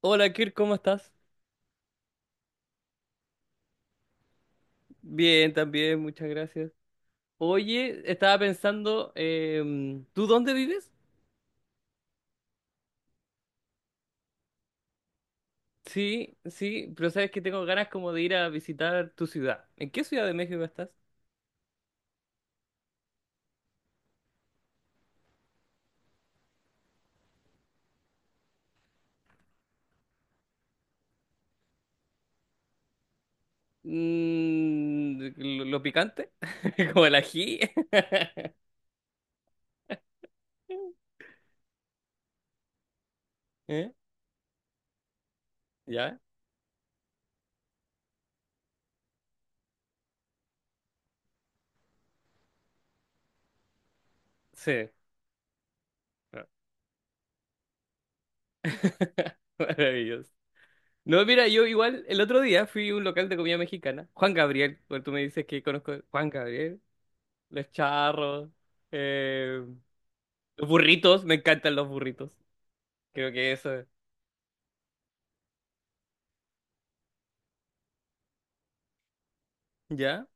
Hola Kirk, ¿cómo estás? Bien, también, muchas gracias. Oye, estaba pensando, ¿tú dónde vives? Sí, sí, pero sabes que tengo ganas como de ir a visitar tu ciudad. ¿En qué ciudad de México estás? Mm, ¿lo picante? ¿Como el ají? ¿Eh? ¿Ya? Sí. ¡Maravilloso! No, mira, yo igual el otro día fui a un local de comida mexicana, Juan Gabriel, porque tú me dices que conozco Juan Gabriel, Los Charros, em, Los burritos, me encantan los burritos. Creo que eso es. ¿Ya?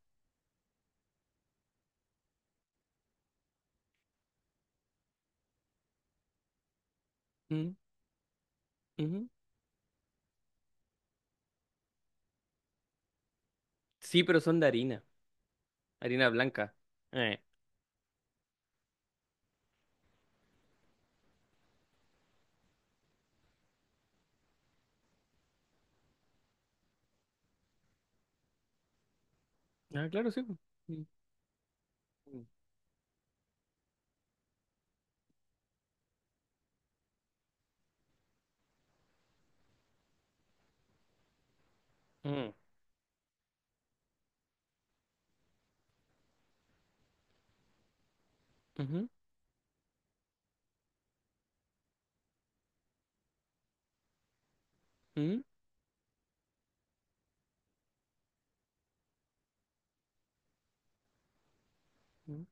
Mm, ujú. Sí, pero son de harina. Harina blanca. Eh. Ah, claro, sí. Mm, mm, ujú, mm, mm,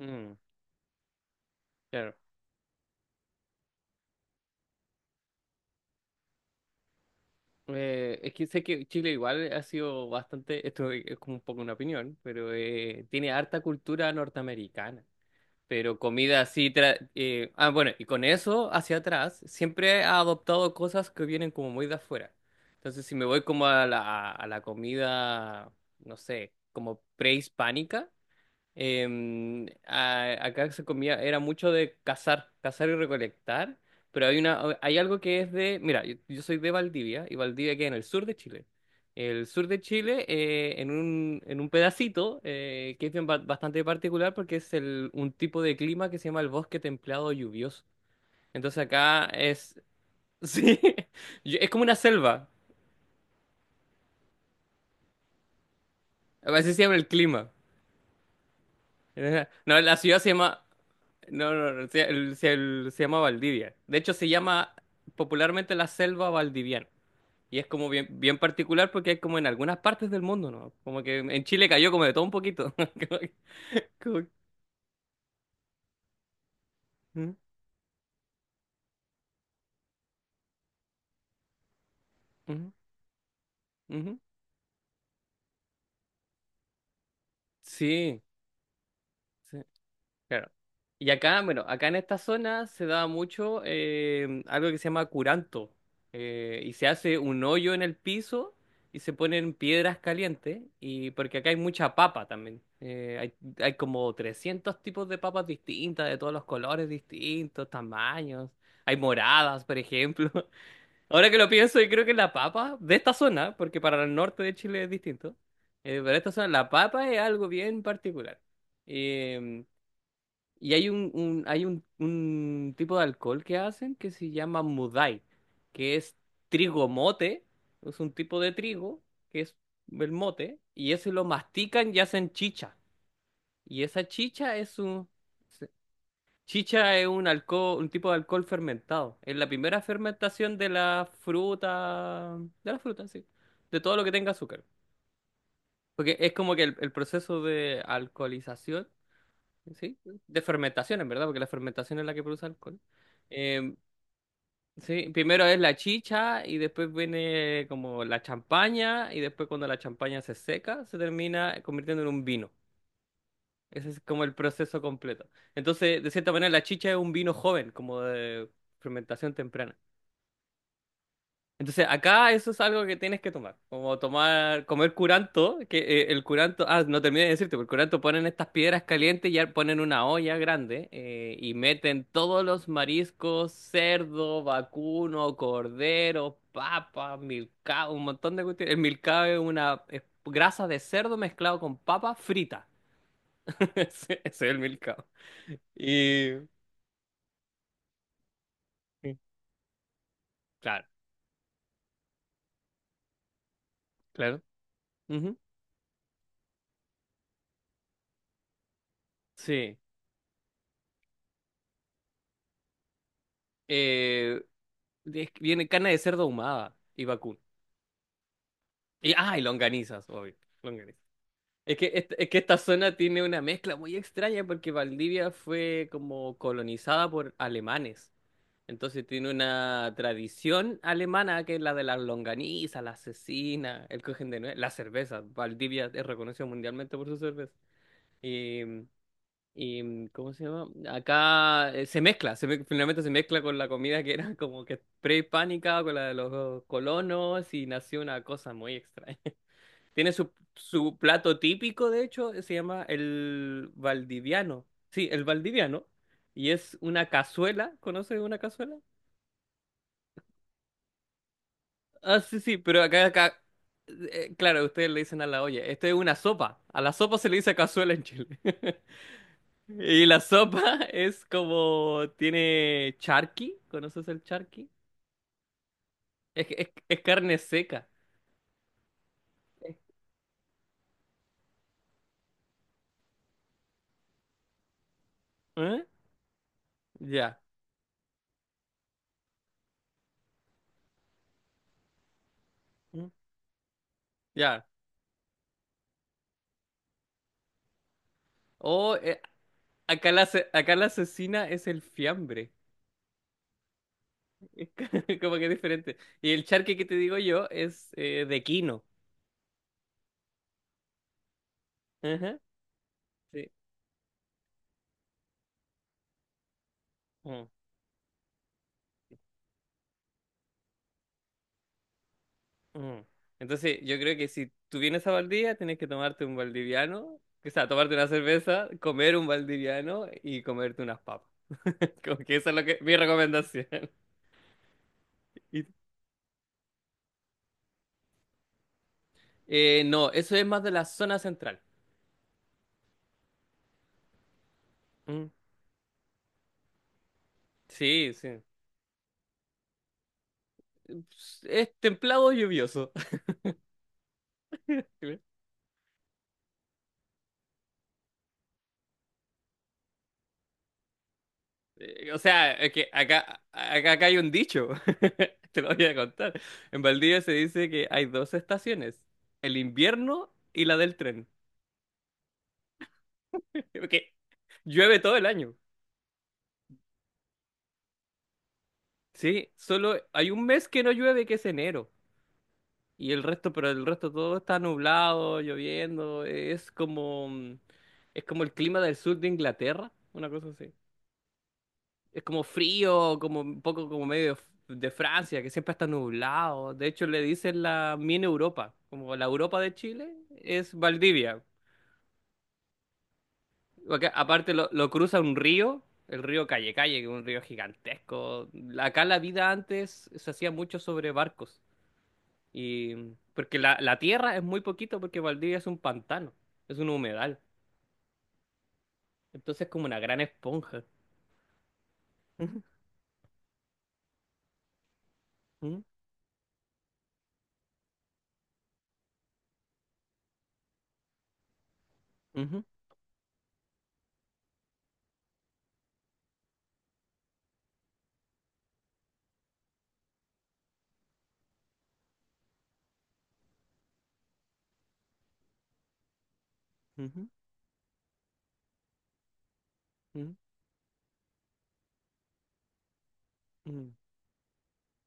mm. Claro. Es que sé que Chile igual ha sido bastante, esto es como un poco una opinión, pero tiene harta cultura norteamericana. Pero comida así... bueno, y con eso hacia atrás, siempre ha adoptado cosas que vienen como muy de afuera. Entonces, si me voy como a la comida, no sé, como prehispánica. Acá se comía, era mucho de cazar, cazar y recolectar, pero hay una, hay algo que es de, mira, yo soy de Valdivia, y Valdivia queda en el sur de Chile. El sur de Chile, en un pedacito que es bastante particular porque es el, un tipo de clima que se llama el bosque templado lluvioso. Entonces acá es, sí, es como una selva, así se llama el clima. No, la ciudad se llama. No, no, no, se, el- se- el- Se llama Valdivia. De hecho, se llama popularmente la selva valdiviana. Y es como bien, bien particular porque es como en algunas partes del mundo, ¿no? Como que en Chile cayó como de todo un poquito. Como que- como que- ujú, ujú, ujú. Sí, sí. Claro. Y acá, bueno, acá en esta zona se da mucho algo que se llama curanto. Y se hace un hoyo en el piso y se ponen piedras calientes. Y porque acá hay mucha papa también. Hay como 300 tipos de papas distintas, de todos los colores distintos, tamaños. Hay moradas, por ejemplo. Ahora que lo pienso, yo creo que la papa de esta zona, porque para el norte de Chile es distinto, pero esta zona, la papa es algo bien particular. Y hay un tipo de alcohol que hacen que se llama mudai, que es trigo mote, es un tipo de trigo, que es el mote, y ese lo mastican y hacen chicha. Y esa chicha es un... se- Chicha es un alcohol, un tipo de alcohol fermentado. Es la primera fermentación de la fruta, sí, de todo lo que tenga azúcar. Porque es como que el proceso de alcoholización. Sí, de fermentación, en verdad, porque la fermentación es la que produce alcohol. Eh, sí, primero es la chicha y después viene como la champaña y después cuando la champaña se seca se termina convirtiendo en un vino. Ese es como el proceso completo. Entonces, de cierta manera, la chicha es un vino joven, como de fermentación temprana. Entonces, acá eso es algo que tienes que tomar, como tomar, comer curanto, que el curanto, ah, no terminé de decirte, pero el curanto ponen estas piedras calientes y ya ponen una olla grande y meten todos los mariscos, cerdo, vacuno, cordero, papa, milcao, un montón de cuestiones. El milcao es una es grasa de cerdo mezclado con papa frita. Ese es el milcao. Y... Sí. Claro, claro. Ujú. Sí. Eh, viene carne de cerdo ahumada y vacuno. Y, ah, y longanizas, obvio. Longanizas. Es que esta zona tiene una mezcla muy extraña porque Valdivia fue como colonizada por alemanes. Entonces tiene una tradición alemana que es la de las longanizas, la asesina, el cojín de nuez, la cerveza. Valdivia es reconocido mundialmente por su cerveza. Y, ¿cómo se llama? Acá se mezcla, finalmente se mezcla con la comida que era como que prehispánica, con la de los colonos, y nació una cosa muy extraña. Tiene su, su plato típico, de hecho, se llama el valdiviano. Sí, el valdiviano. Y es una cazuela, ¿conoces una cazuela? Ah, sí, sí, pero claro, ustedes le dicen a la olla, esto es una sopa. A la sopa se le dice cazuela en Chile. Y la sopa es como tiene charqui, ¿conoces el charqui? Es carne seca. ¿Eh? Ya. ¿Mm? Ya. O acá la, acá la asesina es el fiambre. Es como que es diferente. Y el charqui que te digo yo es de quino. Ajá, sí. Mm, mm. Entonces, yo creo que si tú vienes a Valdivia, tienes que tomarte un valdiviano, o sea, tomarte una cerveza, comer un valdiviano y comerte unas papas. Como que esa es lo que, mi recomendación. Y- no, eso es más de la zona central. Mm, sí, sí. Es templado lluvioso. O sea, es que acá hay un dicho. Te lo voy a contar. En Valdivia se dice que hay dos estaciones, el invierno y la del tren. Porque llueve todo el año. Sí, solo hay un mes que no llueve, que es enero. Y el resto, pero el resto todo está nublado, lloviendo, es como, es como el clima del sur de Inglaterra, una cosa así. Es como frío, como un poco como medio de, de Francia, que siempre está nublado. De hecho, le dicen la mini Europa, como la Europa de Chile es Valdivia. Porque aparte lo cruza un río, el río Calle Calle, que es un río gigantesco. Acá la vida antes se hacía mucho sobre barcos. Y porque la tierra es muy poquito porque Valdivia es un pantano, es un humedal. Entonces es como una gran esponja. Ujú, ujú, ujú, ujú, ujú, ujú,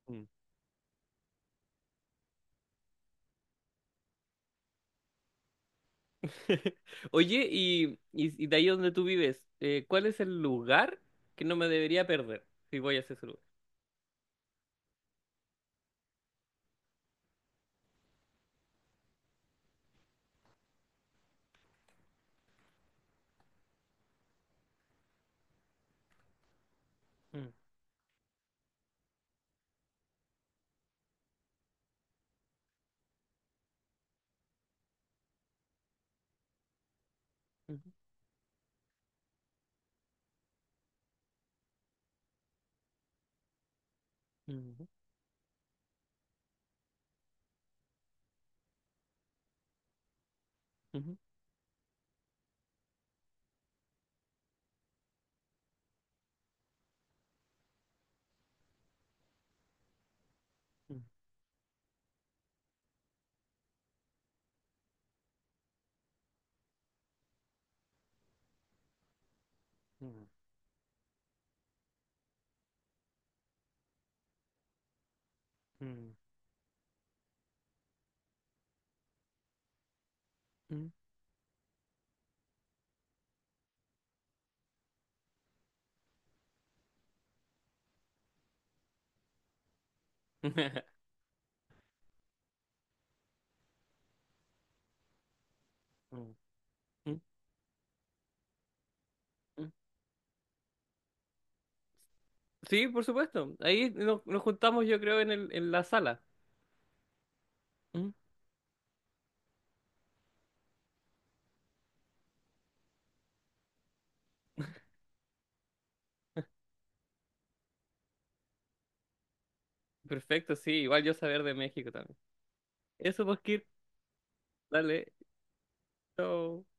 ujú. Oye, y de ahí donde tú vives, ¿cuál es el lugar que no me debería perder si voy a ese lugar? Mm, ujú, ujú, ujú, ujú, ujú, ujú, ujú. Mm, mm, mm. Sí, por supuesto. Ahí nos, nos juntamos, yo creo, en en la sala. Perfecto, sí, igual yo saber de México también. Eso, pues, Kirk, dale, chao.